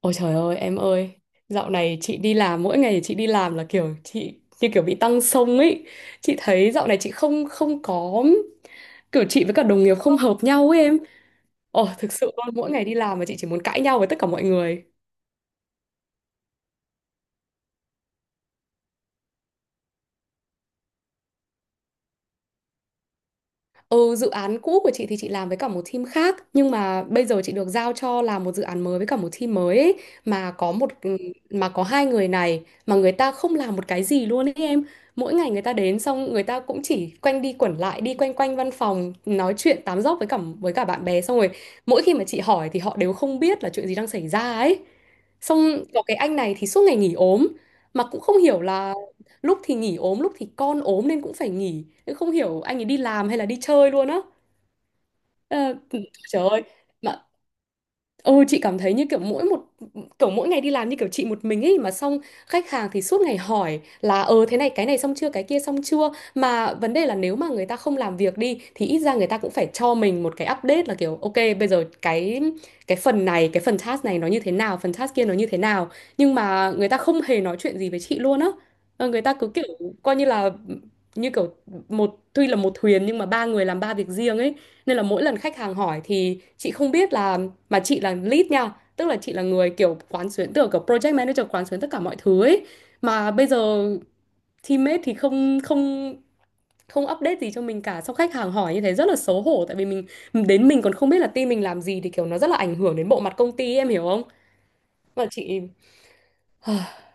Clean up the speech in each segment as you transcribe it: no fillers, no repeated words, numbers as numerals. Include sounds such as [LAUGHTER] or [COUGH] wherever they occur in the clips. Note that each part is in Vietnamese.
Ôi trời ơi em ơi. Dạo này chị đi làm mỗi ngày chị đi làm là kiểu chị như kiểu bị tăng xông ấy. Chị thấy dạo này chị không không có, kiểu chị với cả đồng nghiệp không hợp nhau ấy em. Ồ thực sự luôn, mỗi ngày đi làm mà chị chỉ muốn cãi nhau với tất cả mọi người. Ừ, dự án cũ của chị thì chị làm với cả một team khác, nhưng mà bây giờ chị được giao cho làm một dự án mới với cả một team mới ấy, mà có một mà có hai người này mà người ta không làm một cái gì luôn ấy em. Mỗi ngày người ta đến xong người ta cũng chỉ quanh đi quẩn lại đi quanh quanh văn phòng nói chuyện tám dóc với cả bạn bè, xong rồi mỗi khi mà chị hỏi thì họ đều không biết là chuyện gì đang xảy ra ấy. Xong có cái anh này thì suốt ngày nghỉ ốm, mà cũng không hiểu là lúc thì nghỉ ốm lúc thì con ốm nên cũng phải nghỉ. Em không hiểu anh ấy đi làm hay là đi chơi luôn á. Ờ, trời ơi, mà Ừ, chị cảm thấy như kiểu mỗi một kiểu mỗi ngày đi làm như kiểu chị một mình ấy, mà xong khách hàng thì suốt ngày hỏi là thế này cái này xong chưa cái kia xong chưa, mà vấn đề là nếu mà người ta không làm việc đi thì ít ra người ta cũng phải cho mình một cái update, là kiểu ok bây giờ cái phần này cái phần task này nó như thế nào, phần task kia nó như thế nào, nhưng mà người ta không hề nói chuyện gì với chị luôn á. Ờ, người ta cứ kiểu coi như là như kiểu một, tuy là một thuyền nhưng mà ba người làm ba việc riêng ấy. Nên là mỗi lần khách hàng hỏi thì chị không biết là, mà chị là lead nha, tức là chị là người kiểu quán xuyến, tưởng kiểu project manager quán xuyến tất cả mọi thứ ấy, mà bây giờ teammate thì không không không update gì cho mình cả, xong khách hàng hỏi như thế rất là xấu hổ tại vì mình, đến mình còn không biết là team mình làm gì thì kiểu nó rất là ảnh hưởng đến bộ mặt công ty, em hiểu không? Mà chị [SIGHS]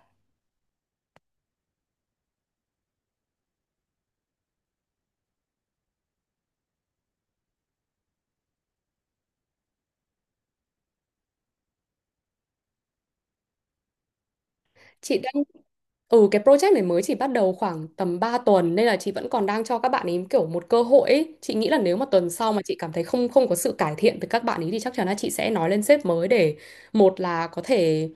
chị đang, ừ cái project này mới chỉ bắt đầu khoảng tầm 3 tuần nên là chị vẫn còn đang cho các bạn ấy kiểu một cơ hội ấy. Chị nghĩ là nếu mà tuần sau mà chị cảm thấy không không có sự cải thiện từ các bạn ấy thì chắc chắn là chị sẽ nói lên sếp mới để một là có thể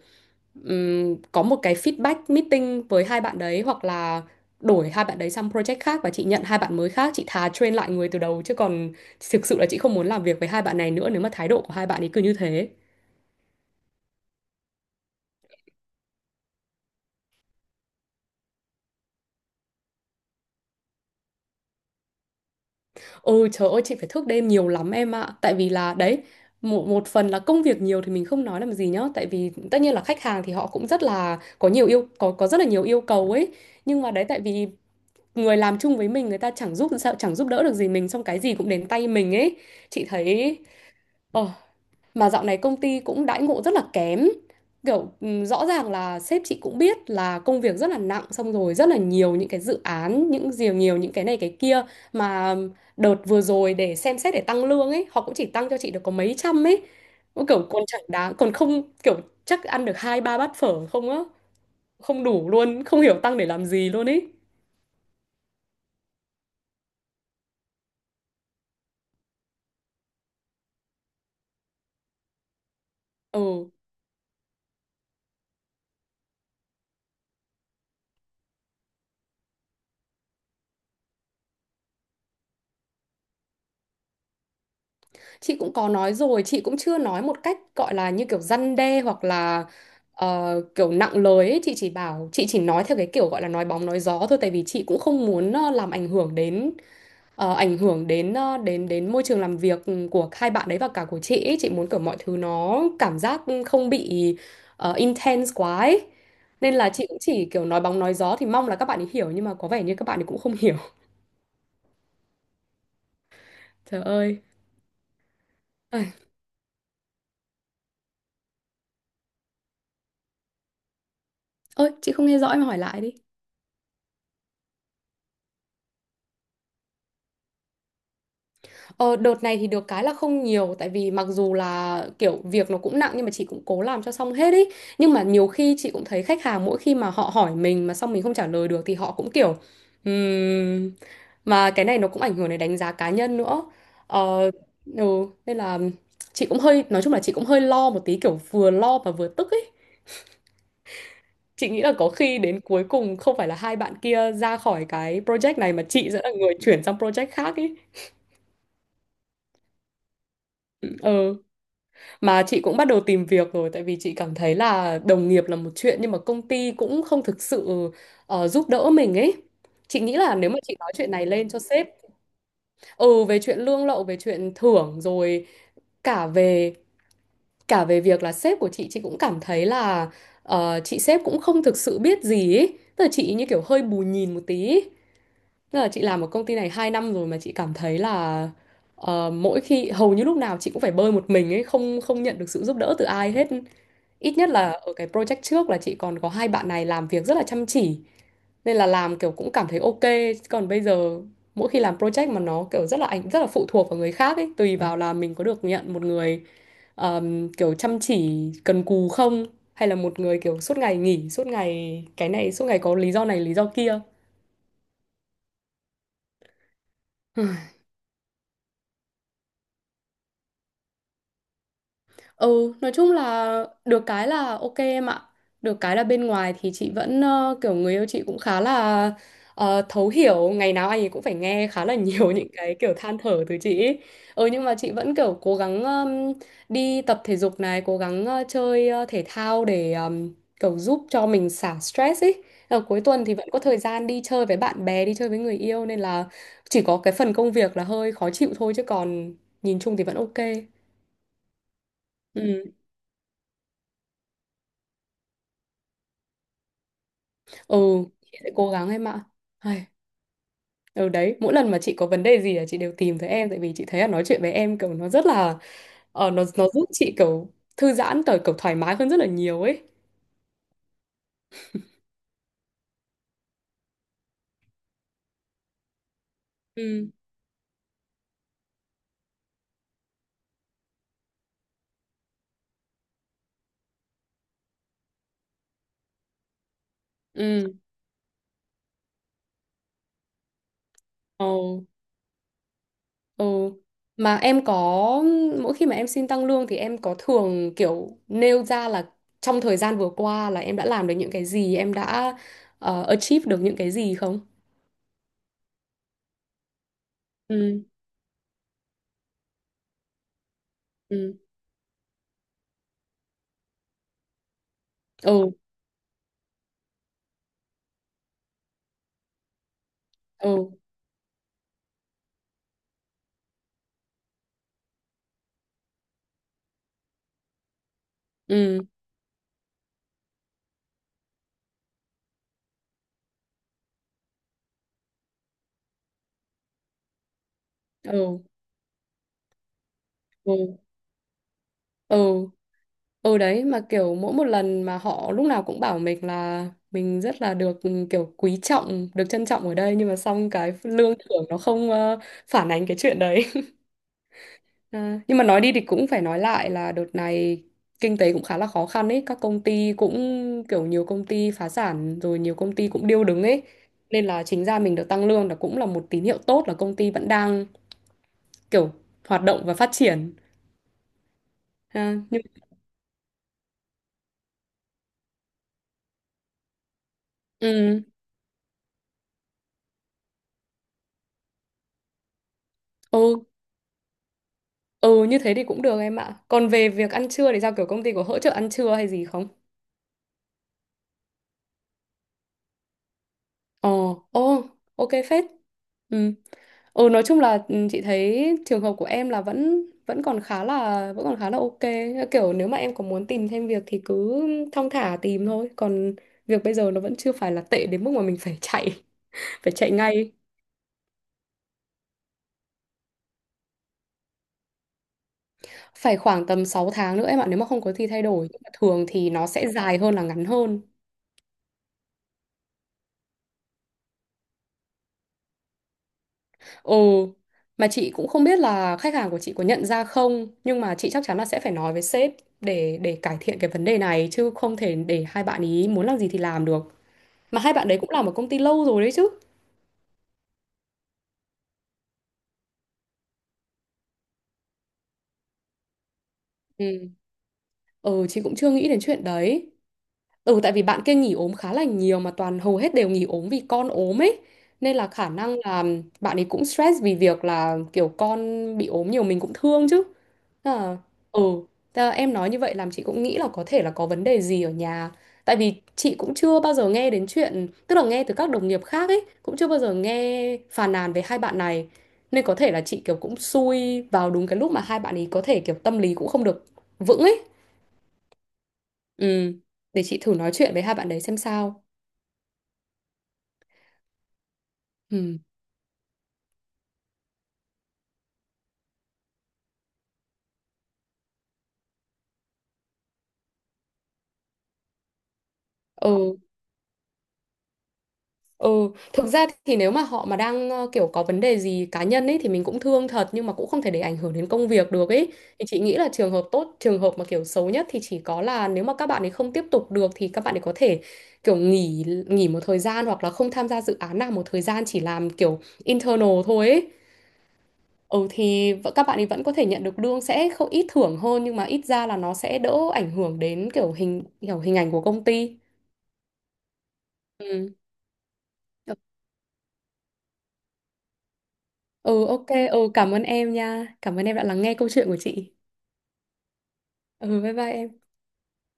có một cái feedback meeting với hai bạn đấy, hoặc là đổi hai bạn đấy sang project khác và chị nhận hai bạn mới khác. Chị thà train lại người từ đầu chứ còn thực sự là chị không muốn làm việc với hai bạn này nữa nếu mà thái độ của hai bạn ấy cứ như thế. Ôi trời ơi chị phải thức đêm nhiều lắm em ạ. Tại vì là đấy, một phần là công việc nhiều thì mình không nói làm gì nhá. Tại vì tất nhiên là khách hàng thì họ cũng rất là, có rất là nhiều yêu cầu ấy. Nhưng mà đấy tại vì người làm chung với mình, người ta chẳng giúp đỡ được gì mình, xong cái gì cũng đến tay mình ấy. Chị thấy ờ. Mà dạo này công ty cũng đãi ngộ rất là kém. Kiểu rõ ràng là sếp chị cũng biết là công việc rất là nặng, xong rồi rất là nhiều những cái dự án, những nhiều nhiều những cái này cái kia, mà đợt vừa rồi để xem xét để tăng lương ấy, họ cũng chỉ tăng cho chị được có mấy trăm ấy. Cũng kiểu còn chẳng đáng, còn không kiểu chắc ăn được hai ba bát phở không á, không đủ luôn, không hiểu tăng để làm gì luôn ấy. Ừ. Chị cũng có nói rồi, chị cũng chưa nói một cách gọi là như kiểu răn đe hoặc là kiểu nặng lời ấy. Chị chỉ bảo chị chỉ nói theo cái kiểu gọi là nói bóng nói gió thôi, tại vì chị cũng không muốn làm ảnh hưởng đến ờ, ảnh hưởng đến ờ, đến đến môi trường làm việc của hai bạn đấy và cả của chị ấy. Chị muốn kiểu mọi thứ nó cảm giác không bị intense quá ấy. Nên là chị cũng chỉ kiểu nói bóng nói gió thì mong là các bạn ấy hiểu, nhưng mà có vẻ như các bạn ấy cũng không hiểu. Trời ơi. Ai, ôi, chị không nghe rõ em hỏi lại đi. Ờ, đợt này thì được cái là không nhiều, tại vì mặc dù là kiểu việc nó cũng nặng nhưng mà chị cũng cố làm cho xong hết ý. Nhưng mà nhiều khi chị cũng thấy khách hàng mỗi khi mà họ hỏi mình mà xong mình không trả lời được thì họ cũng kiểu "ừm," mà cái này nó cũng ảnh hưởng đến đánh giá cá nhân nữa. ờ, ừ, Nên là chị cũng hơi, nói chung là chị cũng hơi lo một tí, kiểu vừa lo mà vừa tức ấy. Chị nghĩ là có khi đến cuối cùng không phải là hai bạn kia ra khỏi cái project này mà chị sẽ là người chuyển sang project khác ấy. Ừ. Mà chị cũng bắt đầu tìm việc rồi, tại vì chị cảm thấy là đồng nghiệp là một chuyện nhưng mà công ty cũng không thực sự giúp đỡ mình ấy. Chị nghĩ là nếu mà chị nói chuyện này lên cho sếp, ừ về chuyện lương lậu, về chuyện thưởng rồi cả về cả về việc là sếp của chị cũng cảm thấy là chị sếp cũng không thực sự biết gì ấy. Tức là chị như kiểu hơi bù nhìn một tí. Tức là chị làm ở công ty này 2 năm rồi mà chị cảm thấy là mỗi khi hầu như lúc nào chị cũng phải bơi một mình ấy, không không nhận được sự giúp đỡ từ ai hết. Ít nhất là ở cái project trước là chị còn có hai bạn này làm việc rất là chăm chỉ nên là làm kiểu cũng cảm thấy ok. Chứ còn bây giờ mỗi khi làm project mà nó kiểu rất là ảnh, rất là phụ thuộc vào người khác ấy, tùy vào là mình có được nhận một người kiểu chăm chỉ cần cù không, hay là một người kiểu suốt ngày nghỉ, suốt ngày cái này, suốt ngày có lý do này lý do kia. Ừ, nói chung là được cái là ok em ạ. Được cái là bên ngoài thì chị vẫn kiểu người yêu chị cũng khá là thấu hiểu, ngày nào anh ấy cũng phải nghe khá là nhiều [LAUGHS] những cái kiểu than thở từ chị ấy. Ừ nhưng mà chị vẫn kiểu cố gắng đi tập thể dục này, cố gắng chơi thể thao để kiểu giúp cho mình xả stress ấy. Ờ, cuối tuần thì vẫn có thời gian đi chơi với bạn bè, đi chơi với người yêu, nên là chỉ có cái phần công việc là hơi khó chịu thôi chứ còn nhìn chung thì vẫn ok. Ừ. Ừ, chị sẽ cố gắng em ạ. Hay. Ừ đấy, mỗi lần mà chị có vấn đề gì là chị đều tìm tới em, tại vì chị thấy là nói chuyện với em kiểu nó rất là nó giúp chị kiểu thư giãn tới kiểu thoải mái hơn rất là nhiều ấy. Ừ, ừ, ồ, ừ. Mà em có, mỗi khi mà em xin tăng lương thì em có thường kiểu nêu ra là trong thời gian vừa qua là em đã làm được những cái gì, em đã achieve được những cái gì không? Ừ, ừ, ừ, ừ, ừ, ừ, ừ. Ừ. Ừ đấy, mà kiểu mỗi một lần mà họ lúc nào cũng bảo mình là mình rất là được, ừ, kiểu quý trọng, được trân trọng ở đây, nhưng mà xong cái lương thưởng nó không phản ánh cái chuyện đấy. [LAUGHS] À, nhưng mà nói đi thì cũng phải nói lại là đợt này kinh tế cũng khá là khó khăn ấy, các công ty cũng kiểu nhiều công ty phá sản rồi, nhiều công ty cũng điêu đứng ấy. Nên là chính ra mình được tăng lương là cũng là một tín hiệu tốt là công ty vẫn đang kiểu hoạt động và phát triển. À, nhưng ừ, ừ. Ừ như thế thì cũng được em ạ. Còn về việc ăn trưa thì sao, kiểu công ty có hỗ trợ ăn trưa hay gì không? Ồ, ồ, ok phết. Ừ. Ừ nói chung là ừ, chị thấy trường hợp của em là vẫn vẫn còn khá là vẫn còn khá là ok. Kiểu nếu mà em có muốn tìm thêm việc thì cứ thong thả tìm thôi. Còn việc bây giờ nó vẫn chưa phải là tệ đến mức mà mình phải chạy, [LAUGHS] phải chạy ngay. Phải khoảng tầm sáu tháng nữa em ạ, nếu mà không có gì thay đổi. Nhưng mà thường thì nó sẽ dài hơn là ngắn hơn. Ừ, mà chị cũng không biết là khách hàng của chị có nhận ra không, nhưng mà chị chắc chắn là sẽ phải nói với sếp để cải thiện cái vấn đề này chứ không thể để hai bạn ý muốn làm gì thì làm được. Mà hai bạn đấy cũng làm ở công ty lâu rồi đấy chứ. Ừ. Ừ, chị cũng chưa nghĩ đến chuyện đấy. Ừ tại vì bạn kia nghỉ ốm khá là nhiều mà toàn hầu hết đều nghỉ ốm vì con ốm ấy. Nên là khả năng là bạn ấy cũng stress vì việc là kiểu con bị ốm nhiều, mình cũng thương chứ. À, ừ, thế là em nói như vậy làm chị cũng nghĩ là có thể là có vấn đề gì ở nhà. Tại vì chị cũng chưa bao giờ nghe đến chuyện, tức là nghe từ các đồng nghiệp khác ấy, cũng chưa bao giờ nghe phàn nàn về hai bạn này. Nên có thể là chị kiểu cũng xui vào đúng cái lúc mà hai bạn ấy có thể kiểu tâm lý cũng không được vững ấy. Ừ, để chị thử nói chuyện với hai bạn đấy xem sao. Ừ. Ừ. Ừ. Thực ra thì nếu mà họ mà đang kiểu có vấn đề gì cá nhân ấy thì mình cũng thương thật, nhưng mà cũng không thể để ảnh hưởng đến công việc được ấy. Thì chị nghĩ là trường hợp tốt, trường hợp mà kiểu xấu nhất thì chỉ có là nếu mà các bạn ấy không tiếp tục được thì các bạn ấy có thể kiểu nghỉ nghỉ một thời gian hoặc là không tham gia dự án nào một thời gian, chỉ làm kiểu internal thôi ấy. Các bạn ấy vẫn có thể nhận được lương, sẽ không ít thưởng hơn, nhưng mà ít ra là nó sẽ đỡ ảnh hưởng đến kiểu hình ảnh của công ty. Ừ. Ừ ok, ừ cảm ơn em nha. Cảm ơn em đã lắng nghe câu chuyện của chị. Ừ bye bye em.